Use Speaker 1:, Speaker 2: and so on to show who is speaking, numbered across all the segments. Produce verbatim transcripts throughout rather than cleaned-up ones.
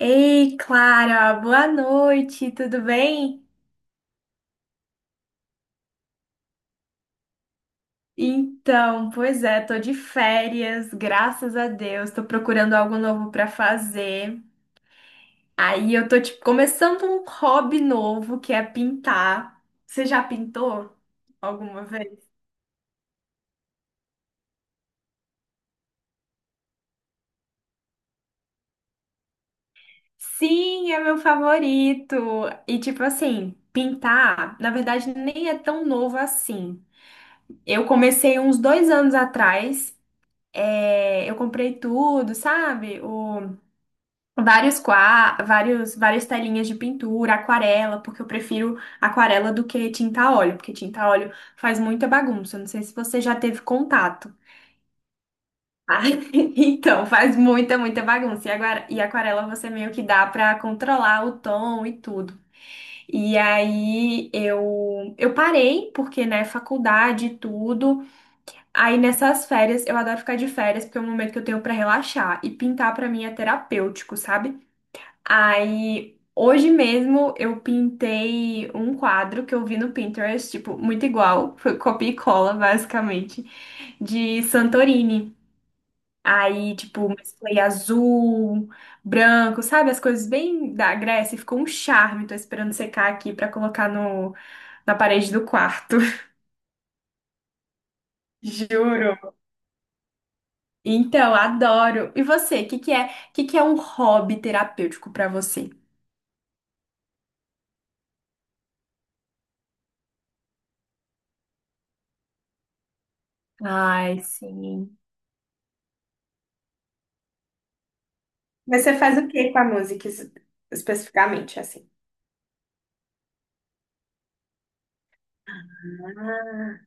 Speaker 1: Ei, Clara, boa noite, tudo bem? Então, pois é, tô de férias, graças a Deus, tô procurando algo novo pra fazer. Aí eu tô tipo começando um hobby novo, que é pintar. Você já pintou alguma vez? Sim, é meu favorito. E tipo assim, pintar, na verdade, nem é tão novo assim. Eu comecei uns dois anos atrás. é, eu comprei tudo, sabe? O Vários qua, vários, várias telinhas de pintura, aquarela, porque eu prefiro aquarela do que tinta a óleo, porque tinta a óleo faz muita bagunça. Não sei se você já teve contato. Ah, então, faz muita, muita bagunça. E, agora, e aquarela você meio que dá pra controlar o tom e tudo. E aí eu, eu parei, porque, né, faculdade e tudo. Aí nessas férias, eu adoro ficar de férias, porque é o momento que eu tenho pra relaxar. E pintar pra mim é terapêutico, sabe? Aí, hoje mesmo eu pintei um quadro que eu vi no Pinterest, tipo, muito igual, foi copia e cola, basicamente, de Santorini. Aí, tipo, mesclei azul, branco, sabe? As coisas bem da Grécia, e ficou um charme. Tô esperando secar aqui pra colocar no, na parede do quarto. Juro. Então, adoro. E você, o que que é, que que é um hobby terapêutico pra você? Ai, sim. Mas você faz o que com a música es- especificamente, assim? Ah,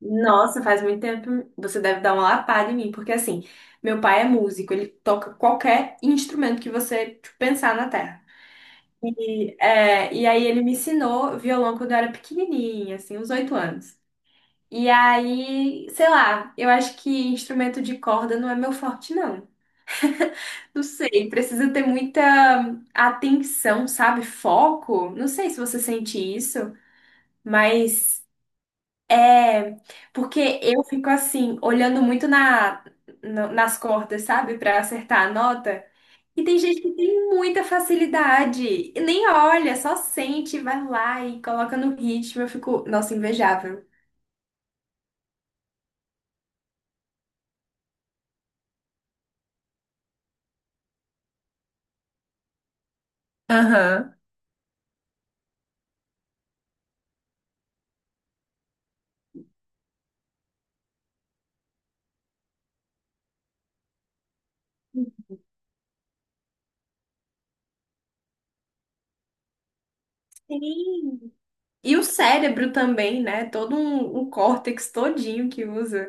Speaker 1: nossa, faz muito tempo. Você deve dar uma lapada em mim, porque assim, meu pai é músico, ele toca qualquer instrumento que você tipo, pensar na terra. E, é, e aí ele me ensinou violão quando eu era pequenininha, assim, uns oito anos. E aí, sei lá, eu acho que instrumento de corda não é meu forte, não. Não sei, precisa ter muita atenção, sabe? Foco. Não sei se você sente isso. Mas é porque eu fico assim, olhando muito na, na- nas cordas, sabe, pra acertar a nota. E tem gente que tem muita facilidade, e nem olha, só sente, vai lá e coloca no ritmo. Eu fico, nossa, invejável. Aham. Sim. E o cérebro também, né? Todo um, um córtex todinho que usa.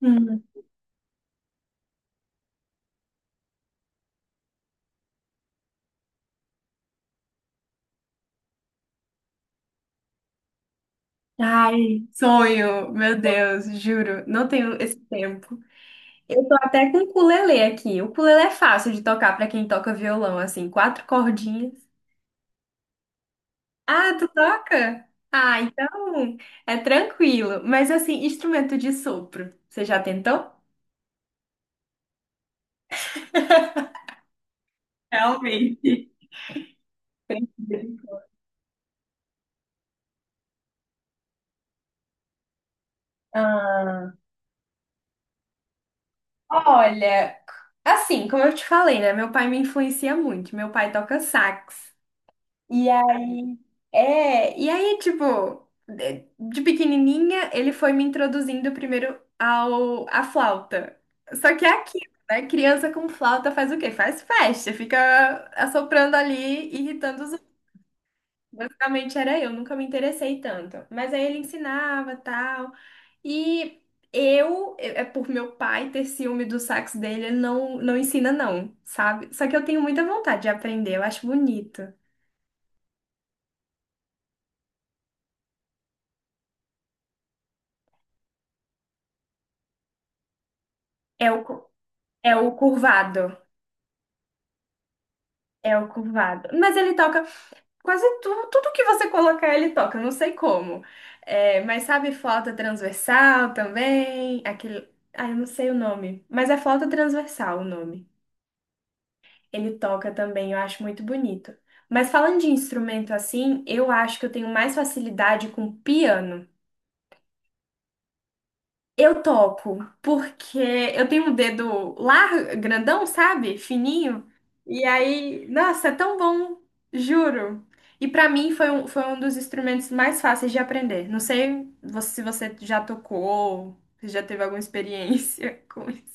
Speaker 1: Hum. Ai, sonho, meu Deus, juro, não tenho esse tempo. Eu tô até com o ukulele aqui. O ukulele é fácil de tocar pra quem toca violão, assim, quatro cordinhas. Ah, tu toca? Ah, então é tranquilo. Mas assim, instrumento de sopro, você já tentou? Realmente. Ah, olha, assim, como eu te falei, né? Meu pai me influencia muito. Meu pai toca sax. E É, e aí, tipo, de de pequenininha, ele foi me introduzindo primeiro ao, à flauta. Só que é aquilo, né? Criança com flauta faz o quê? Faz festa, fica assoprando ali, irritando os outros. Basicamente era eu, nunca me interessei tanto. Mas aí ele ensinava, tal. E eu, é é por meu pai ter ciúme do sax dele, ele não, não ensina não, sabe? Só que eu tenho muita vontade de aprender, eu acho bonito. É o, cu- É o curvado. É o curvado. Mas ele toca quase tudo, tudo que você colocar, ele toca, eu não sei como. É, mas sabe flauta transversal também? Aquele. Ah, eu não sei o nome. Mas é flauta transversal o nome. Ele toca também, eu acho muito bonito. Mas falando de instrumento assim, eu acho que eu tenho mais facilidade com piano. Eu toco, porque eu tenho um dedo largo, grandão, sabe? Fininho. E aí, nossa, é tão bom, juro. E pra mim foi um, foi um dos instrumentos mais fáceis de aprender. Não sei vo- se você já tocou, se já teve alguma experiência com isso.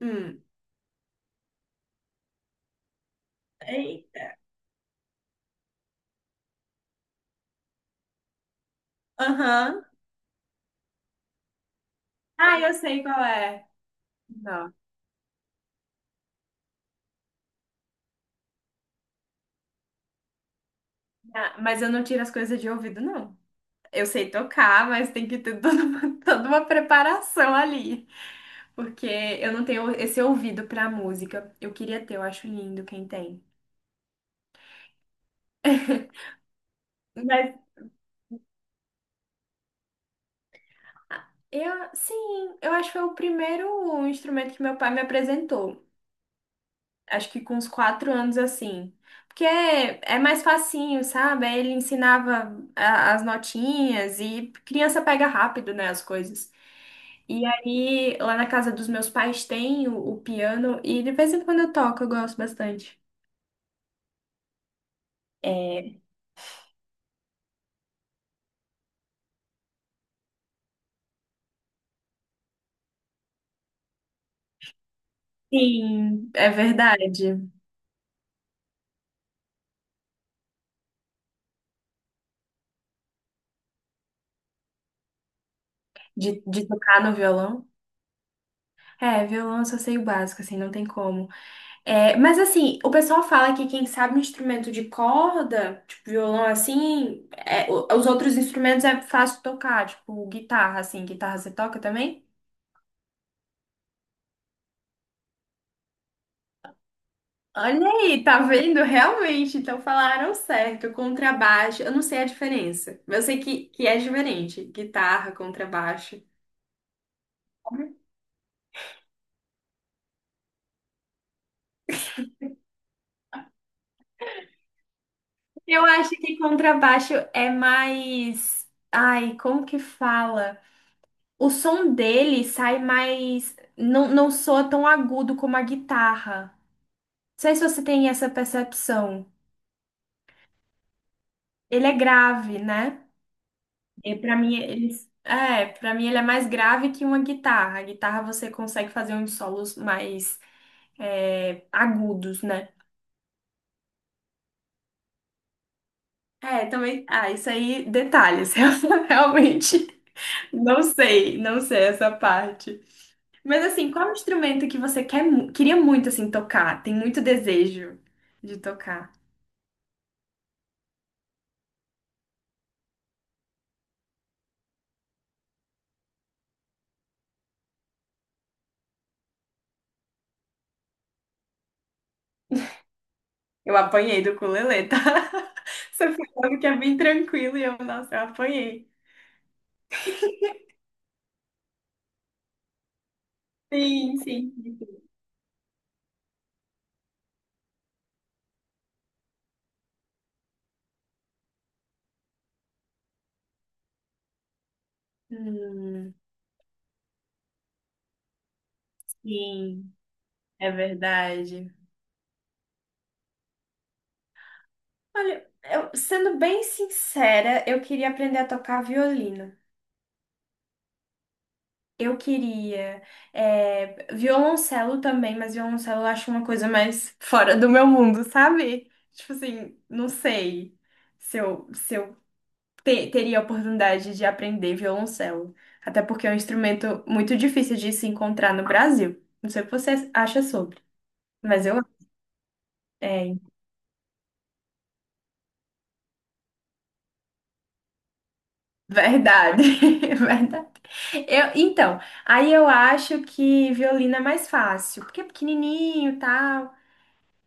Speaker 1: Hum. Ei. Aham. Ah, eu sei qual é. Não. Ah, mas eu não tiro as coisas de ouvido, não. Eu sei tocar, mas tem que ter toda uma, toda uma preparação ali. Porque eu não tenho esse ouvido pra música. Eu queria ter, eu acho lindo quem tem. Mas eu, sim, eu acho que foi o primeiro instrumento que meu pai me apresentou. Acho que com uns quatro anos assim. Porque é, é mais facinho, sabe? Aí ele ensinava a- as notinhas e criança pega rápido, né, as coisas. E aí, lá na casa dos meus pais tem o, o piano e de vez em quando eu toco, eu gosto bastante. É, sim, é verdade. De, de tocar no violão? É, violão eu só sei o básico, assim, não tem como. É, mas assim, o pessoal fala que quem sabe um instrumento de corda, tipo violão assim, é, o- os outros instrumentos é fácil tocar, tipo guitarra, assim, guitarra você toca também? Olha aí, tá vendo? Realmente, então falaram certo. Contrabaixo, eu não sei a diferença, mas eu sei que, que é diferente, guitarra, contrabaixo. Eu acho que contrabaixo é mais. Ai, como que fala? O som dele sai mais. Não, não soa tão agudo como a guitarra. Não sei se você tem essa percepção. Ele é grave, né? E para mim, ele... É, para mim ele é mais grave que uma guitarra. A guitarra você consegue fazer uns solos mais é, agudos, né? É, também. Ah, isso aí, detalhes. Eu realmente não sei, não sei essa parte. Mas assim, qual é o instrumento que você quer, mu- queria muito assim tocar? Tem muito desejo de tocar. Eu apanhei do ukulele, tá? Você falou que é bem tranquilo e eu, nossa, eu apanhei. Sim, sim. Hum, sim, é verdade. Olha, eu, sendo bem sincera, eu queria aprender a tocar violino. Eu queria. é, violoncelo também, mas violoncelo eu acho uma coisa mais fora do meu mundo, sabe? Tipo assim, não sei se eu, se eu te- teria a oportunidade de aprender violoncelo. Até porque é um instrumento muito difícil de se encontrar no Brasil. Não sei o que você acha sobre, mas eu. É, verdade, verdade. Eu, então, aí eu acho que violino é mais fácil, porque é pequenininho tal.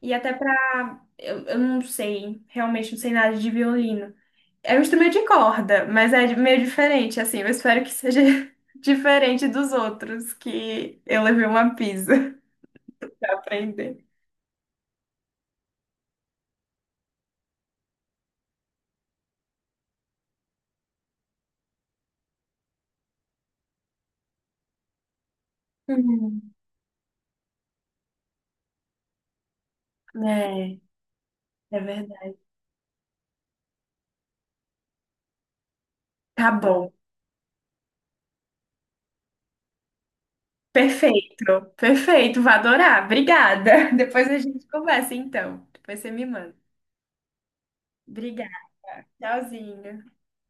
Speaker 1: E até pra. Eu, eu não sei, realmente não sei nada de violino. É um instrumento de corda, mas é meio diferente, assim. Eu espero que seja diferente dos outros, que eu levei uma pisa pra aprender. Hum. É, é verdade. Tá bom. Perfeito, perfeito. Vou adorar. Obrigada. Depois a gente conversa, então. Depois você me manda. Obrigada. Tchauzinho.